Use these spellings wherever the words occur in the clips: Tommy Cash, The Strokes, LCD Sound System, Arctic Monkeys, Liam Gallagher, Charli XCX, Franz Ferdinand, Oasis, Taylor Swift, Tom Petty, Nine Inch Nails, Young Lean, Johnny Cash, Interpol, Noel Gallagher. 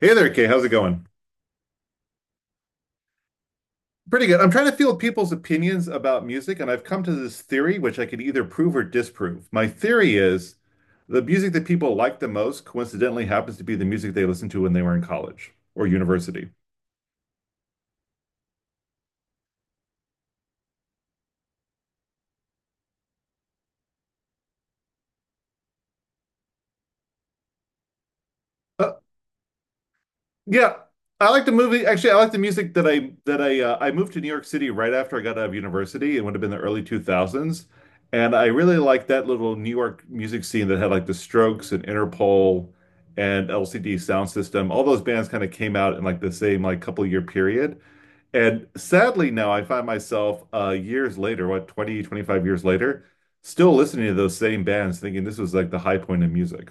Hey there, Kay. How's it going? Pretty good. I'm trying to field people's opinions about music, and I've come to this theory, which I can either prove or disprove. My theory is the music that people like the most coincidentally happens to be the music they listened to when they were in college or university. Uh, Yeah, I like the movie. Actually, I like the music that I moved to New York City right after I got out of university. It would have been the early 2000s, and I really liked that little New York music scene that had like the Strokes and Interpol and LCD Sound System. All those bands kind of came out in like the same like couple year period. And sadly, now I find myself years later, what 20, 25 years later, still listening to those same bands, thinking this was like the high point of music.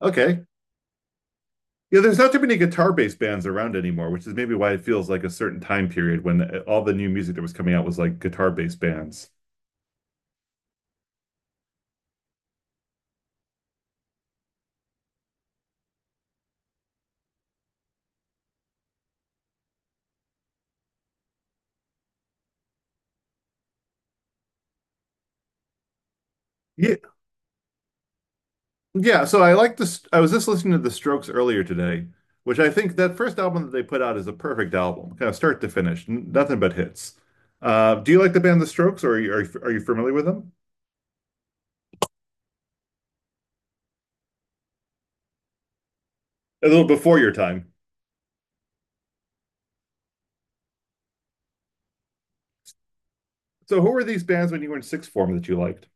Okay. Yeah, there's not too many guitar based bands around anymore, which is maybe why it feels like a certain time period when all the new music that was coming out was like guitar based bands. Yeah, yeah. So I like this. I was just listening to The Strokes earlier today, which I think that first album that they put out is a perfect album, kind of start to finish, nothing but hits. Do you like the band The Strokes, or are you familiar with them? A little before your time. So who were these bands when you were in sixth form that you liked?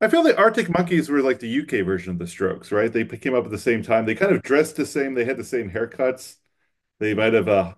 I feel the Arctic Monkeys were like the UK version of the Strokes, right? Came up at the same time. They kind of dressed the same. They had the same haircuts. They might have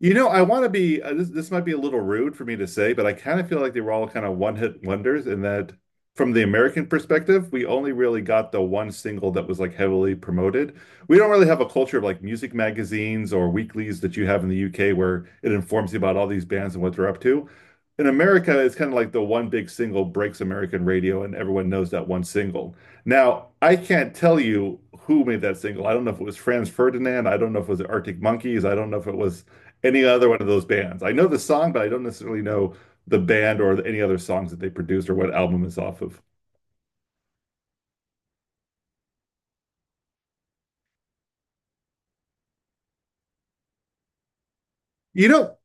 you know, I want to be this might be a little rude for me to say, but I kind of feel like they were all kind of one-hit wonders in that from the American perspective, we only really got the one single that was like heavily promoted. We don't really have a culture of like music magazines or weeklies that you have in the UK where it informs you about all these bands and what they're up to. In America, it's kind of like the one big single breaks American radio and everyone knows that one single. Now, I can't tell you who made that single. I don't know if it was Franz Ferdinand. I don't know if it was the Arctic Monkeys. I don't know if it was any other one of those bands. I know the song, but I don't necessarily know the band or any other songs that they produced or what album it's off of. You know,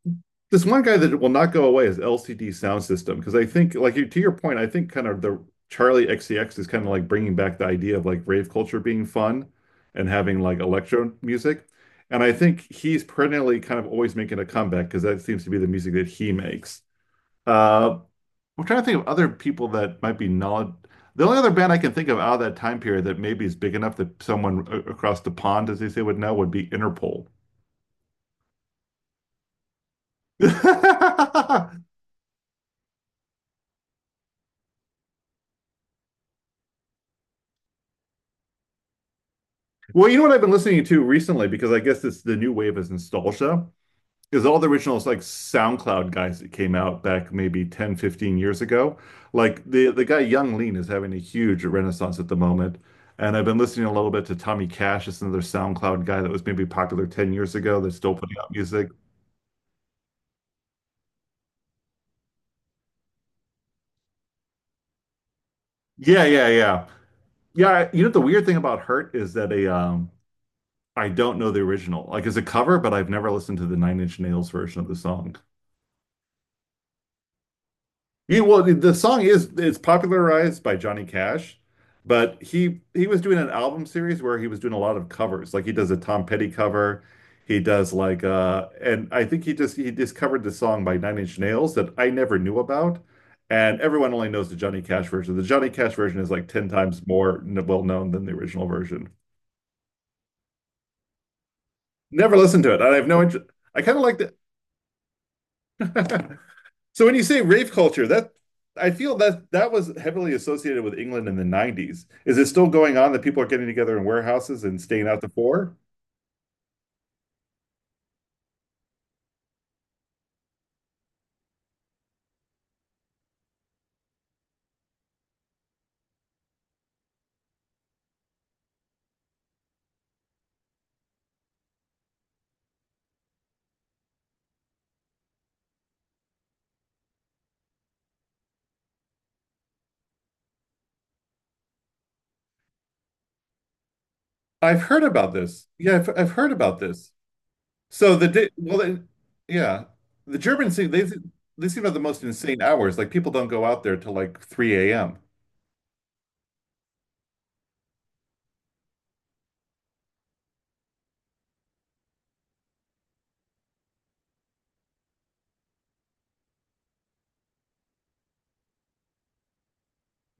this one guy that will not go away is LCD Sound System because I think, like to your point, I think kind of the Charlie XCX is kind of like bringing back the idea of like rave culture being fun and having like electro music. And I think he's perennially kind of always making a comeback because that seems to be the music that he makes. Uh, I'm trying to think of other people that might be knowledge. The only other band I can think of out of that time period that maybe is big enough that someone across the pond, as they say, would know would be Interpol. Well, you know what I've been listening to recently because I guess it's the new wave is nostalgia is all the original like SoundCloud guys that came out back maybe 10, 15 years ago. Like the guy Young Lean is having a huge renaissance at the moment. And I've been listening a little bit to Tommy Cash, it's another SoundCloud guy that was maybe popular 10 years ago that's still putting out music. Yeah, yeah, yeah. Yeah, you know the weird thing about Hurt is that a I don't know the original. Like it's a cover, but I've never listened to the Nine Inch Nails version of the song. Yeah, well, the song is it's popularized by Johnny Cash, but he was doing an album series where he was doing a lot of covers. Like he does a Tom Petty cover, he does like and I think he discovered the song by Nine Inch Nails that I never knew about. And everyone only knows the Johnny Cash version. The Johnny Cash version is like 10 times more well known than the original version. Never listened to it. I have no interest. I kind of liked it. So when you say rave culture, that I feel that that was heavily associated with England in the 90s. Is it still going on that people are getting together in warehouses and staying out to four? I've heard about this. I've heard about this. So the day, well, they, yeah, The Germans seem they seem to have the most insane hours. Like people don't go out there till like 3 a.m.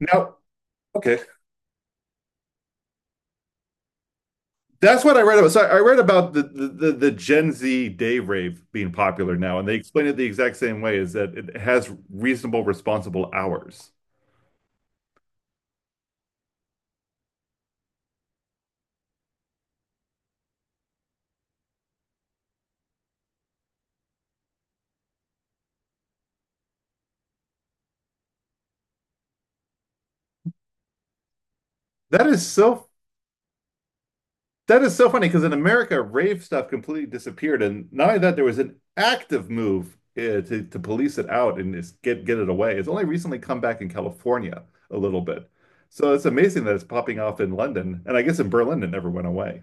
Now, okay, that's what I read about. So I read about the Gen Z day rave being popular now, and they explain it the exact same way, is that it has reasonable, responsible hours. That is so that is so funny because in America, rave stuff completely disappeared, and not only that, there was an active move to police it out and just get it away. It's only recently come back in California a little bit, so it's amazing that it's popping off in London, and I guess in Berlin it never went away.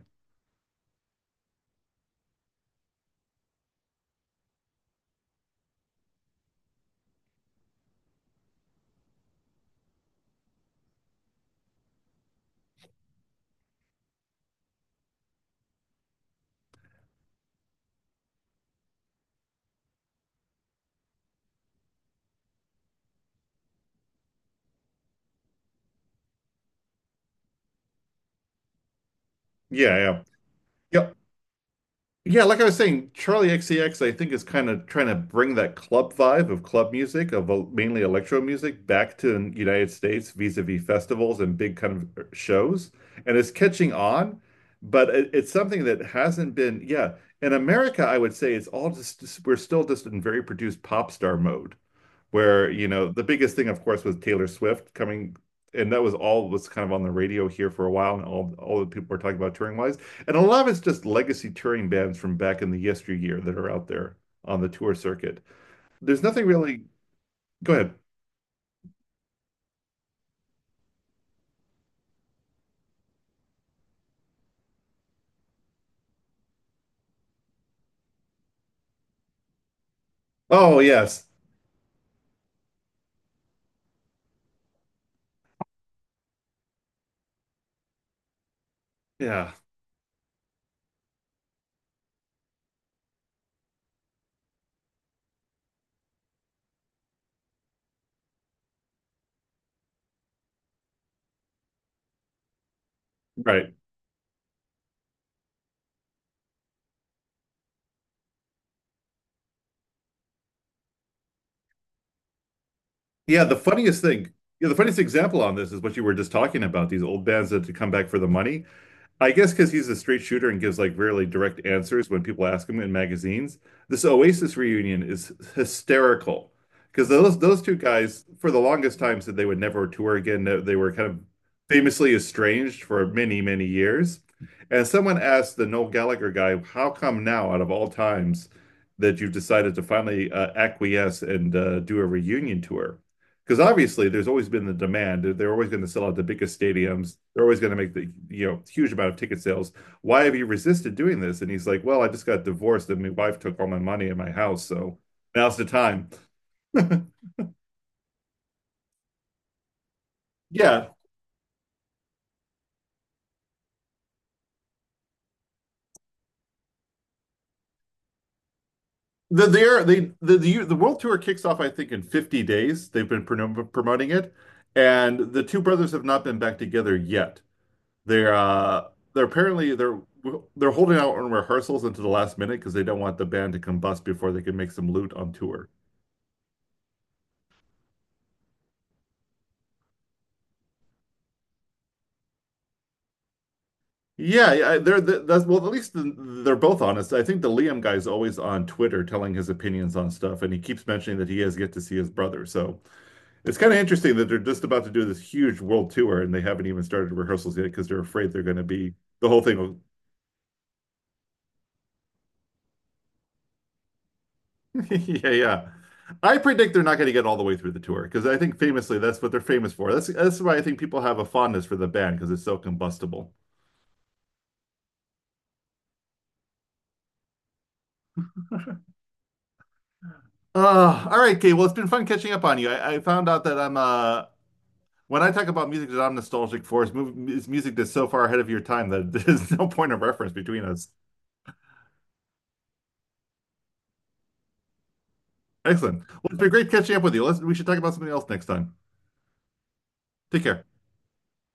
Yeah, yeah, yeah. Yeah, like I was saying, Charlie XCX, I think, is kind of trying to bring that club vibe of club music, of mainly electro music, back to the United States vis-a-vis festivals and big kind of shows. And it's catching on, but it's something that hasn't been, yeah. In America, I would say it's we're still just in very produced pop star mode where, you know, the biggest thing, of course, was Taylor Swift coming. And that was all was kind of on the radio here for a while, and all the people were talking about touring wise. And a lot of it's just legacy touring bands from back in the yesteryear that are out there on the tour circuit. There's nothing really. Go ahead. Oh, yes. Yeah. Right. Yeah. The funniest thing, yeah, the funniest example on this is what you were just talking about, these old bands that to come back for the money. I guess because he's a straight shooter and gives like really direct answers when people ask him in magazines. This Oasis reunion is hysterical because those two guys for the longest time said they would never tour again. They were kind of famously estranged for many, many years. And someone asked the Noel Gallagher guy, "How come now, out of all times, that you've decided to finally acquiesce and do a reunion tour?" Because obviously there's always been the demand. They're always going to sell out the biggest stadiums. They're always going to make the you know huge amount of ticket sales. Why have you resisted doing this? And he's like, well, I just got divorced and my wife took all my money and my house, so now's the time. yeah. The, the, the world tour kicks off, I think, in 50 days. They've been promoting it. And the two brothers have not been back together yet. They're, uh, they're apparently, they're holding out on rehearsals until the last minute because they don't want the band to combust before they can make some loot on tour. Yeah, yeah, they're the, that's Well, at least they're both honest. I think the Liam guy's always on Twitter telling his opinions on stuff, and he keeps mentioning that he has yet to see his brother. So it's kind of interesting that they're just about to do this huge world tour, and they haven't even started rehearsals yet because they're afraid they're going to be the whole thing. Yeah, yeah. I predict they're not going to get all the way through the tour because I think famously that's what they're famous for. That's why I think people have a fondness for the band because it's so combustible. All right, Kate. Well, it's been fun catching up on you. I found out that I'm when I talk about music that I'm nostalgic for, it's music that's so far ahead of your time that there's no point of reference between us. Excellent. Well, it's been great catching up with you. We should talk about something else next time. Take care.